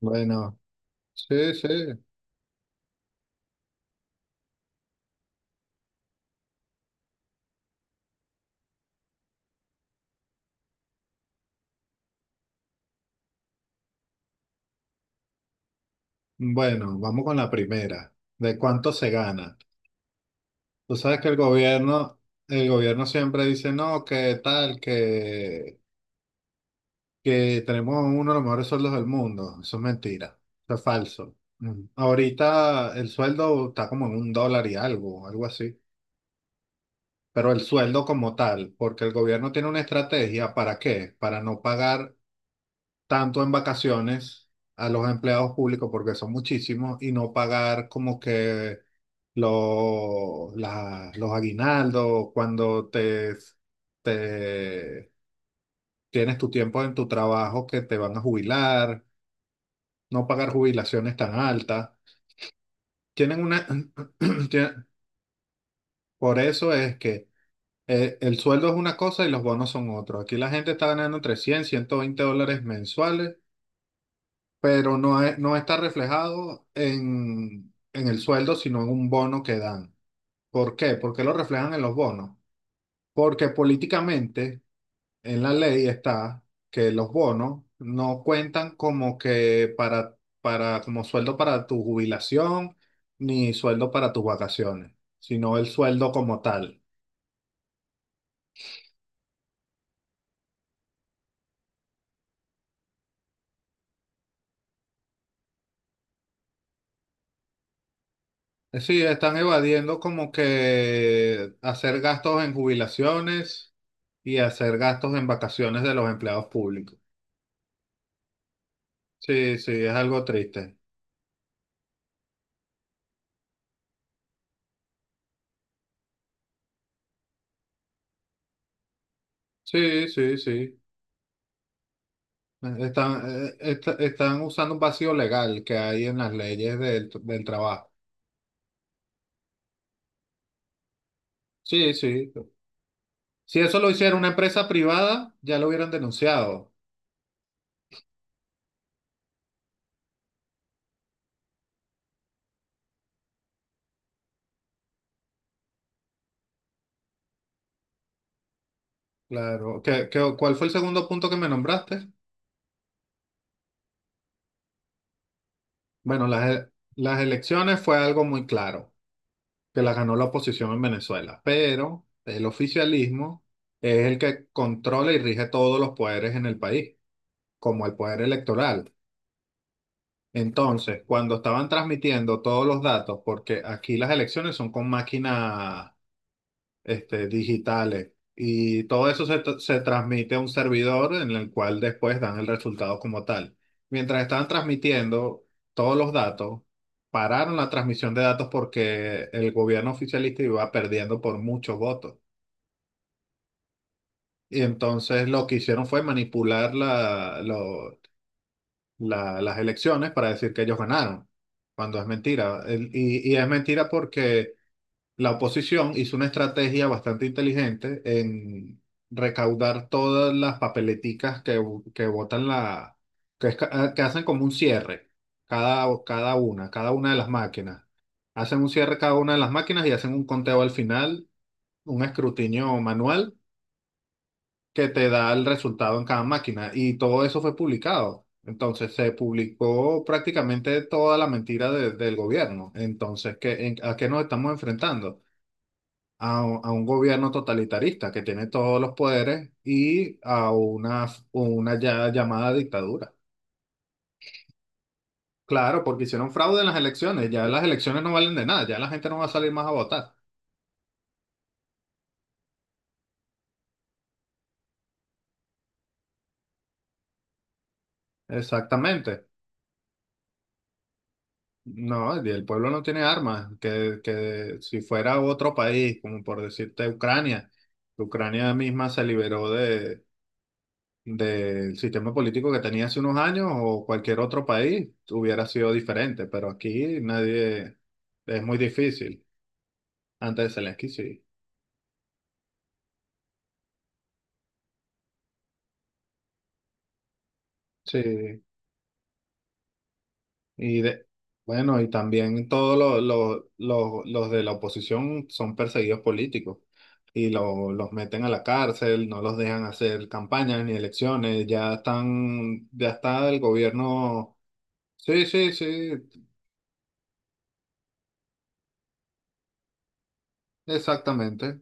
Bueno, sí, sí. Bueno, vamos con la primera. ¿De cuánto se gana? Tú sabes que el gobierno siempre dice, no, que tal, que tenemos uno de los mejores sueldos del mundo. Eso es mentira. Eso es falso. Mm. Ahorita el sueldo está como en 1 dólar y algo así. Pero el sueldo como tal, porque el gobierno tiene una estrategia, ¿para qué? Para no pagar tanto en vacaciones a los empleados públicos porque son muchísimos y no pagar como que los aguinaldos cuando te tienes tu tiempo en tu trabajo que te van a jubilar, no pagar jubilaciones tan altas. Tienen una, tien- por eso es que el sueldo es una cosa y los bonos son otros. Aquí la gente está ganando entre 100 y 120 dólares mensuales, pero no, no está reflejado en el sueldo, sino en un bono que dan. ¿Por qué? ¿Por qué lo reflejan en los bonos? Porque políticamente en la ley está que los bonos no cuentan como que para, como sueldo para tu jubilación ni sueldo para tus vacaciones, sino el sueldo como tal. Sí, están evadiendo como que hacer gastos en jubilaciones y hacer gastos en vacaciones de los empleados públicos. Sí, sí, es algo triste. Sí, sí, sí. Están, están usando un vacío legal que hay en las leyes del trabajo. Sí, sí. Si eso lo hiciera una empresa privada, ya lo hubieran denunciado. Claro. ¿Cuál fue el segundo punto que me nombraste? Bueno, las elecciones fue algo muy claro, que las ganó la oposición en Venezuela, pero el oficialismo es el que controla y rige todos los poderes en el país, como el poder electoral. Entonces, cuando estaban transmitiendo todos los datos, porque aquí las elecciones son con máquinas digitales, y todo eso se transmite a un servidor en el cual después dan el resultado como tal. Mientras estaban transmitiendo todos los datos, pararon la transmisión de datos porque el gobierno oficialista iba perdiendo por muchos votos. Y entonces lo que hicieron fue manipular las elecciones para decir que ellos ganaron, cuando es mentira. Y es mentira porque la oposición hizo una estrategia bastante inteligente en recaudar todas las papeleticas que votan la, que, es ca- ah, que hacen como un cierre, cada una de las máquinas. Hacen un cierre cada una de las máquinas y hacen un conteo al final, un escrutinio manual que te da el resultado en cada máquina. Y todo eso fue publicado. Entonces se publicó prácticamente toda la mentira del gobierno. Entonces, ¿A qué nos estamos enfrentando? A un gobierno totalitarista que tiene todos los poderes y a una ya llamada dictadura. Claro, porque hicieron fraude en las elecciones. Ya las elecciones no valen de nada. Ya la gente no va a salir más a votar. Exactamente. No, y el pueblo no tiene armas, que si fuera otro país, como por decirte Ucrania, misma se liberó de, del sistema político que tenía hace unos años, o cualquier otro país hubiera sido diferente, pero aquí nadie, es muy difícil. Antes de Zelensky, sí. Sí. Y de, bueno, y también todos los de la oposición son perseguidos políticos y los meten a la cárcel, no los dejan hacer campañas ni elecciones, ya están, ya está el gobierno. Sí, sí, sí, exactamente.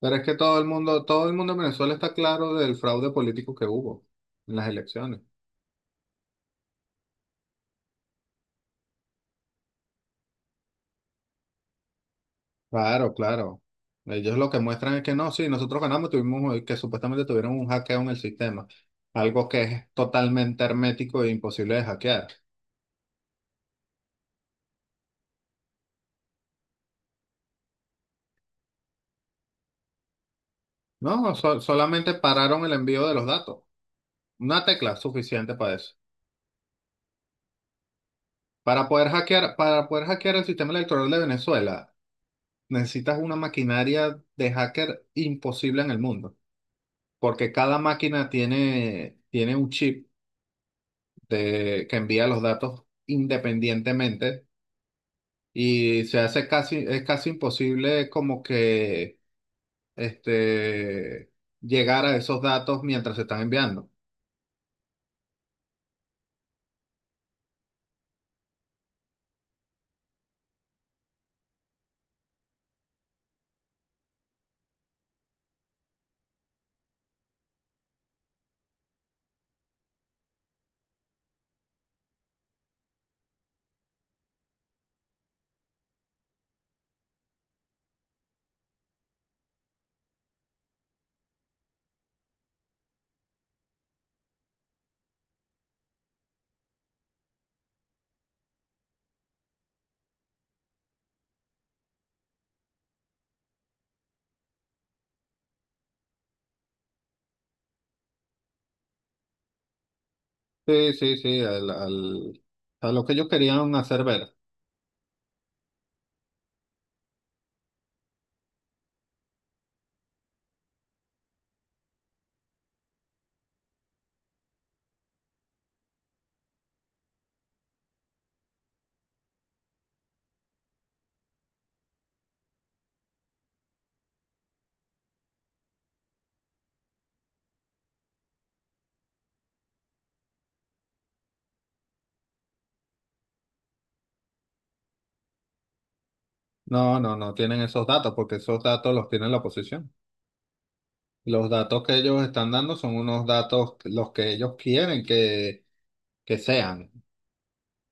Pero es que todo el mundo en Venezuela está claro del fraude político que hubo en las elecciones. Claro, claro. Ellos lo que muestran es que no, sí, nosotros ganamos, tuvimos que supuestamente tuvieron un hackeo en el sistema, algo que es totalmente hermético e imposible de hackear. No, solamente pararon el envío de los datos. Una tecla suficiente para eso. Para poder hackear el sistema electoral de Venezuela, necesitas una maquinaria de hacker imposible en el mundo, porque cada máquina tiene un chip que envía los datos independientemente, y se hace es casi imposible como que este, llegar a esos datos mientras se están enviando. Sí, sí, sí, a lo que ellos querían hacer ver. No, no, no tienen esos datos porque esos datos los tiene la oposición. Los datos que ellos están dando son unos datos los que ellos quieren que sean.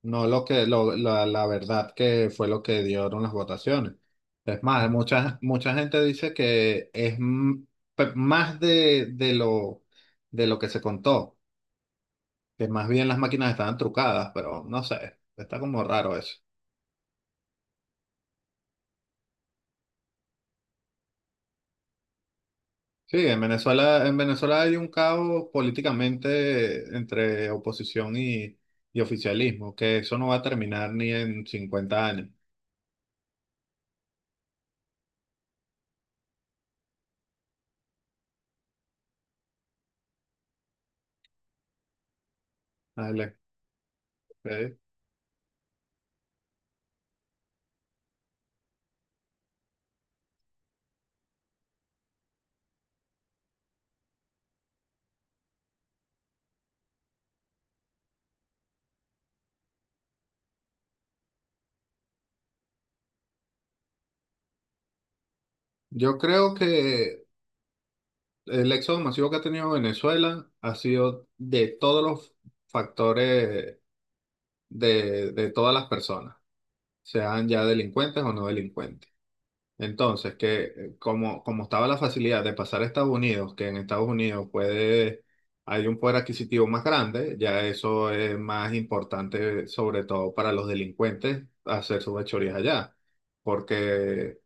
No lo que lo- la verdad que fue lo que dieron las votaciones. Es más, mucha, mucha gente dice que es más de, de lo que se contó, que más bien las máquinas estaban trucadas, pero no sé, está como raro eso. Sí, en Venezuela hay un caos políticamente entre oposición y oficialismo, que eso no va a terminar ni en 50 años. Dale, ok. Yo creo que el éxodo masivo que ha tenido Venezuela ha sido de todos los factores de todas las personas, sean ya delincuentes o no delincuentes. Entonces, como estaba la facilidad de pasar a Estados Unidos, que en Estados Unidos hay un poder adquisitivo más grande, ya eso es más importante, sobre todo para los delincuentes, hacer sus fechorías allá, porque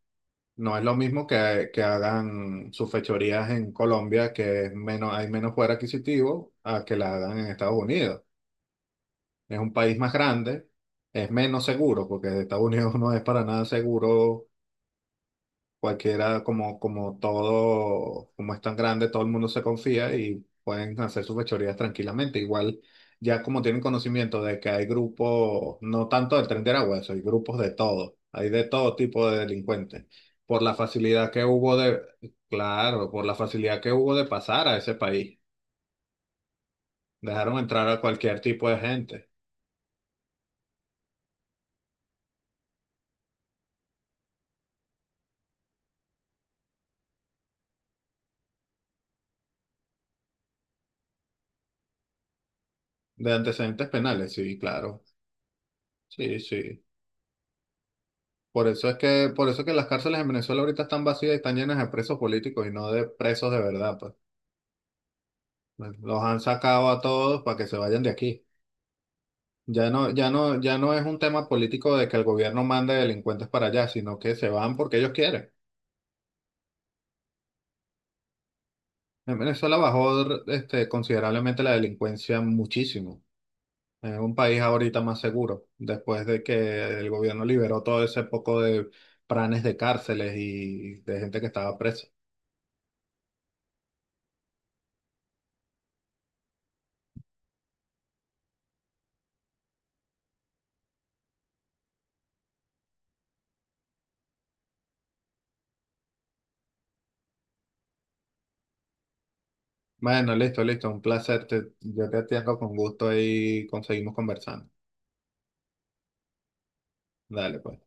no es lo mismo que hagan sus fechorías en Colombia, que es menos, hay menos poder adquisitivo, a que la hagan en Estados Unidos. Es un país más grande, es menos seguro, porque Estados Unidos no es para nada seguro. Cualquiera, como todo, como es tan grande, todo el mundo se confía y pueden hacer sus fechorías tranquilamente. Igual, ya como tienen conocimiento de que hay grupos, no tanto del Tren de Aragua, eso, hay grupos de todo, hay de todo tipo de delincuentes. Por la facilidad que hubo de, claro, por la facilidad que hubo de pasar a ese país. Dejaron entrar a cualquier tipo de gente, de antecedentes penales, sí, claro, sí, sí. Por eso es que las cárceles en Venezuela ahorita están vacías y están llenas de presos políticos y no de presos de verdad, pues. Los han sacado a todos para que se vayan de aquí. Ya no, ya no, ya no es un tema político de que el gobierno mande delincuentes para allá, sino que se van porque ellos quieren. En Venezuela bajó, considerablemente la delincuencia muchísimo. Es un país ahorita más seguro, después de que el gobierno liberó todo ese poco de planes de cárceles y de gente que estaba presa. Bueno, listo, listo. Un placer. Yo te atiendo con gusto y conseguimos conversando. Dale, pues.